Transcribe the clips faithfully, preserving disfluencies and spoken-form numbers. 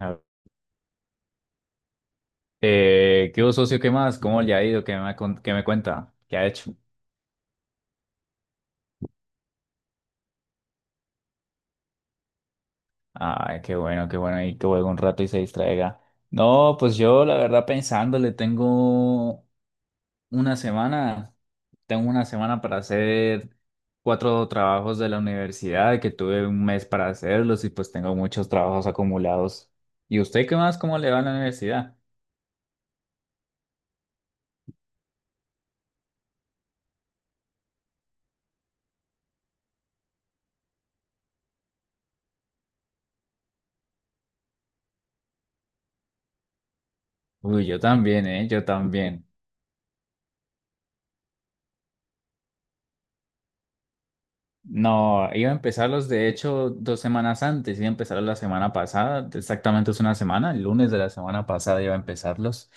Ah, Eh, ¿qué hubo, socio? ¿Qué más? ¿Cómo le ha ido? ¿Qué me, con- ¿qué me cuenta? ¿Qué ha hecho? Ay, qué bueno, qué bueno. Y que juegue un rato y se distraiga. No, pues yo, la verdad, pensándole, tengo una semana. Tengo una semana para hacer cuatro trabajos de la universidad, que tuve un mes para hacerlos y pues tengo muchos trabajos acumulados. ¿Y usted qué más? ¿Cómo le va a la universidad? Uy, yo también, ¿eh? Yo también. No, iba a empezarlos de hecho dos semanas antes, iba a empezarlos la semana pasada, exactamente es una semana, el lunes de la semana pasada iba a empezarlos,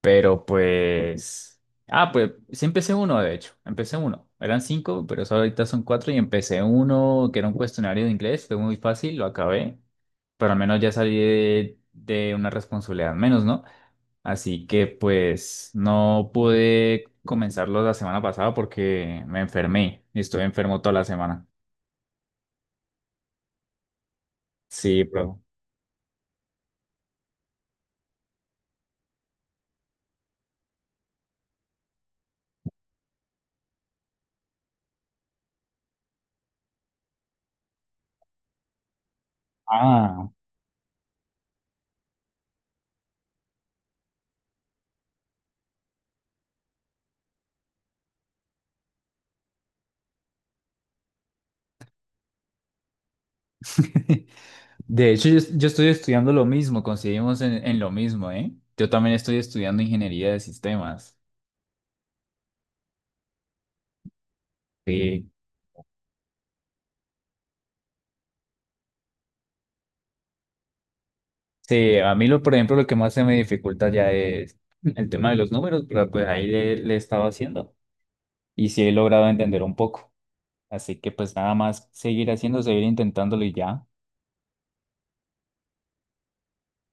pero pues, ah, pues sí empecé uno de hecho, empecé uno, eran cinco, pero solo ahorita son cuatro y empecé uno que era un cuestionario de inglés, fue muy fácil, lo acabé, pero al menos ya salí de, de una responsabilidad menos, ¿no? Así que pues no pude comenzarlos la semana pasada porque me enfermé y estuve enfermo toda la semana. Sí, bro. Ah, de hecho yo, yo estoy estudiando lo mismo, coincidimos en, en lo mismo, ¿eh? Yo también estoy estudiando ingeniería de sistemas. Sí, sí, a mí lo, por ejemplo, lo que más se me dificulta ya es el tema de los números, pero pues ahí le, le he estado haciendo y sí he logrado entender un poco. Así que pues nada más seguir haciendo, seguir intentándolo y ya.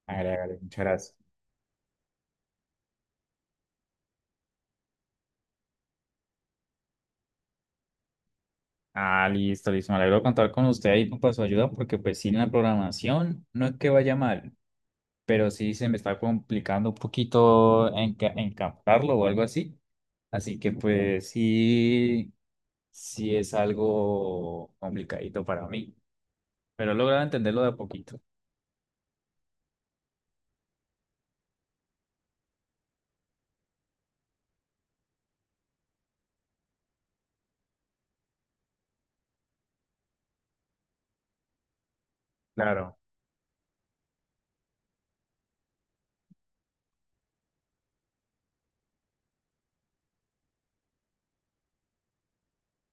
Hágale, hágale, muchas gracias. Ah, listo, listo. Me alegro de contar con usted ahí para su ayuda, porque pues sí, en la programación no es que vaya mal, pero sí se me está complicando un poquito enca- encajarlo o algo así. Así que pues sí, sí es algo complicadito para mí, pero he logrado entenderlo de a poquito. Claro,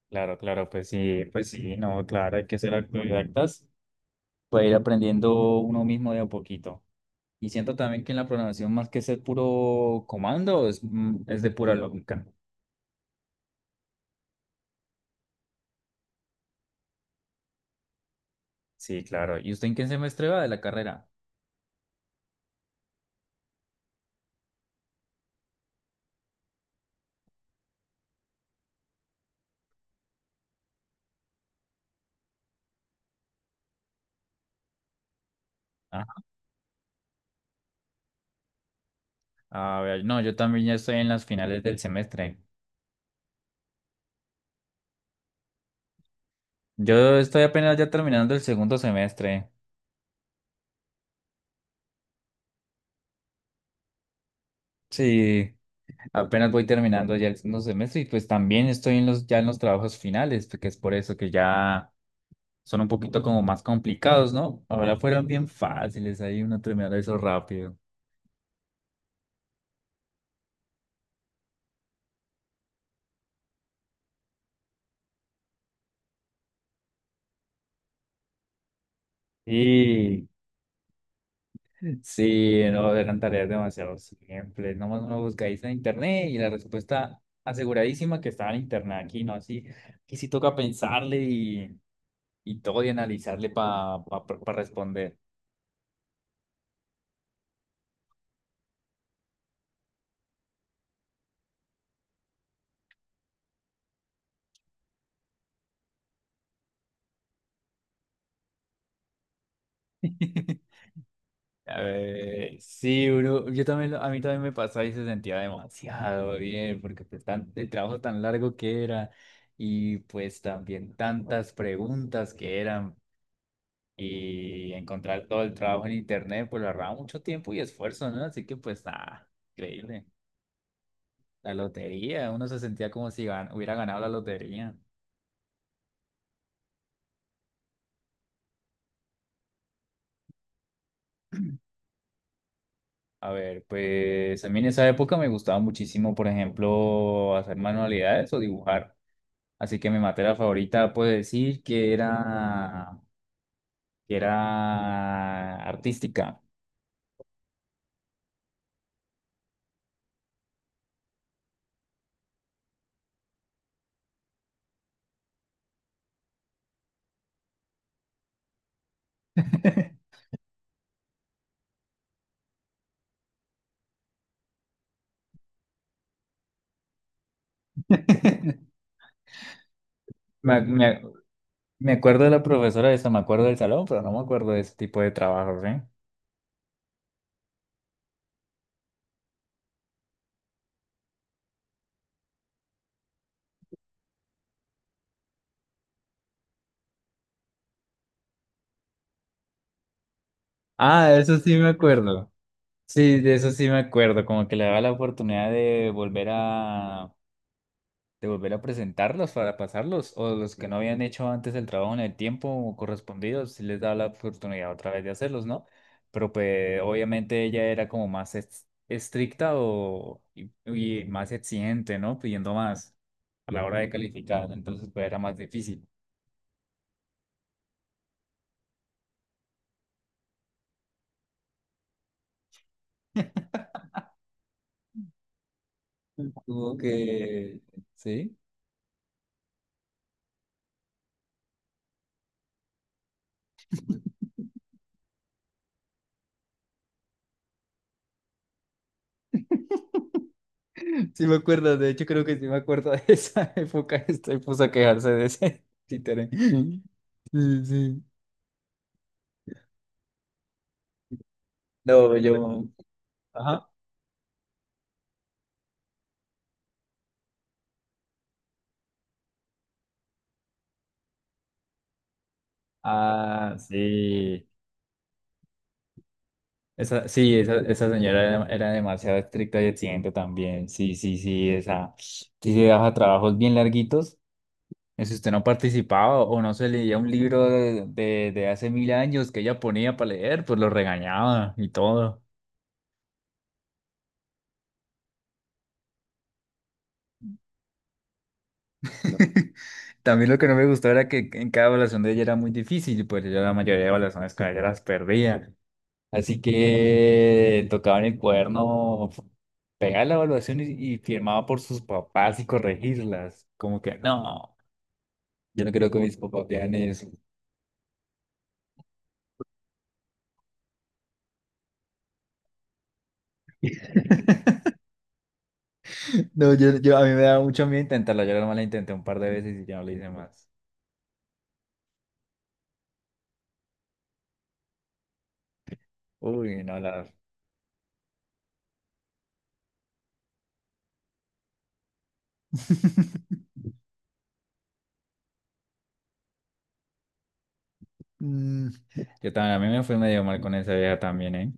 claro, claro, pues sí, pues sí, no, claro, hay que ser autodidactas, puede ir aprendiendo uno mismo de a poquito. Y siento también que en la programación, más que ser puro comando, es, mm, es de pura lógica. Sí, claro. ¿Y usted en qué semestre va de la carrera? A ver, no, yo también ya estoy en las finales del semestre. Yo estoy apenas ya terminando el segundo semestre. Sí, apenas voy terminando ya el segundo semestre y pues también estoy en los, ya en los trabajos finales, porque es por eso que ya son un poquito como más complicados, ¿no? Ahora fueron bien fáciles, ahí uno terminó eso rápido. Y sí, no, eran tareas demasiado simples. Nomás uno buscáis en internet y la respuesta aseguradísima que estaba en internet aquí, ¿no? Así que sí toca pensarle y y todo y analizarle para pa, pa- pa responder. A ver, sí, bro, yo también, lo- a mí también me pasaba y se sentía demasiado bien, porque pues tan- el trabajo tan largo que era y pues también tantas preguntas que eran y encontrar todo el trabajo en internet, pues lo agarraba mucho tiempo y esfuerzo, ¿no? Así que pues nada, increíble. La lotería, uno se sentía como si gan- hubiera ganado la lotería. A ver, pues a mí en esa época me gustaba muchísimo, por ejemplo, hacer manualidades o dibujar. Así que mi materia favorita puedo decir que era, que era artística. Me, me- Me acuerdo de la profesora de eso, me acuerdo del salón, pero no me acuerdo de ese tipo de trabajos, ¿eh? Ah, de eso sí me acuerdo. Sí, de eso sí me acuerdo, como que le daba la oportunidad de volver a, de volver a presentarlos para pasarlos, o los que no habían hecho antes el trabajo en el tiempo correspondido, si les da la oportunidad otra vez de hacerlos, ¿no? Pero pues obviamente ella era como más ex- estricta o, y, y más exigente, ¿no? Pidiendo más a la hora de calificar, entonces pues era más difícil. Tuvo que... ¿Sí? Sí me acuerdo, de hecho creo que sí me acuerdo de esa época, estoy puso a quejarse de ese títere. Sí, sí. No, yo. Ajá. Ah, sí. Esa, sí, esa, esa señora era, era demasiado estricta y exigente también. Sí, sí, sí. Esa. Si se daba trabajos bien larguitos, en si usted no participaba o no se leía un libro de, de, de hace mil años que ella ponía para leer, pues lo regañaba y todo. También lo que no me gustó era que en cada evaluación de ella era muy difícil, pues yo la mayoría de evaluaciones con ella las perdía. Así que tocaban el cuaderno, pegaba la evaluación y, y firmaba por sus papás y corregirlas. Como que, no, yo no creo que mis papás vean eso. No, yo, yo- a mí me da mucho miedo intentarlo. Yo nomás la intenté un par de veces y ya no lo hice más. Uy, no la. Mm, Yo también, a mí me fue medio mal con esa vieja también, ¿eh?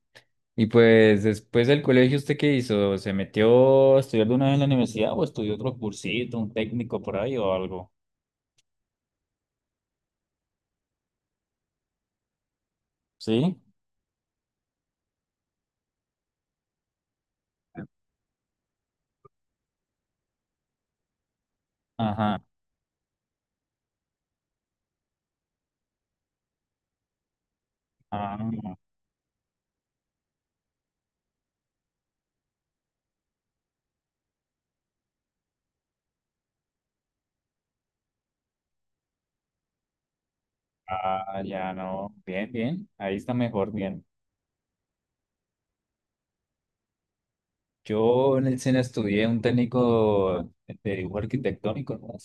Y pues después del colegio, ¿usted qué hizo? ¿Se metió a estudiar de una vez en la universidad o estudió otro cursito, un técnico por ahí o algo? ¿Sí? Ajá. Ah, ah, ya no. Bien, bien. Ahí está mejor, bien. Yo en el cine estudié un técnico de dibujo arquitectónico, ¿no?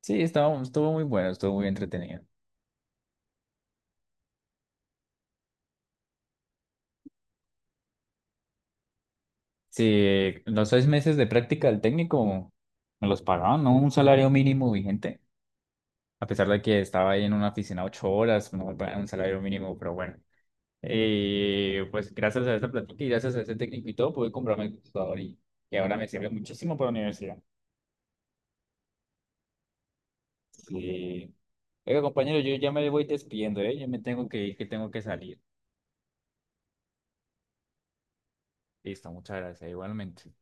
Sí, estaba, estuvo muy bueno, estuvo muy entretenido. Sí, los seis meses de práctica del técnico me los pagaban, ¿no? Un salario mínimo vigente. A pesar de que estaba ahí en una oficina ocho horas, no me pagaban un salario mínimo, pero bueno. Eh, pues gracias a esta plática y gracias a ese técnico y todo, pude comprarme el computador y, y ahora me sirve muchísimo para la universidad. Sí. Oiga, compañero, yo ya me voy despidiendo, ¿eh? Yo me tengo que ir, que tengo que salir. Listo, muchas gracias, igualmente.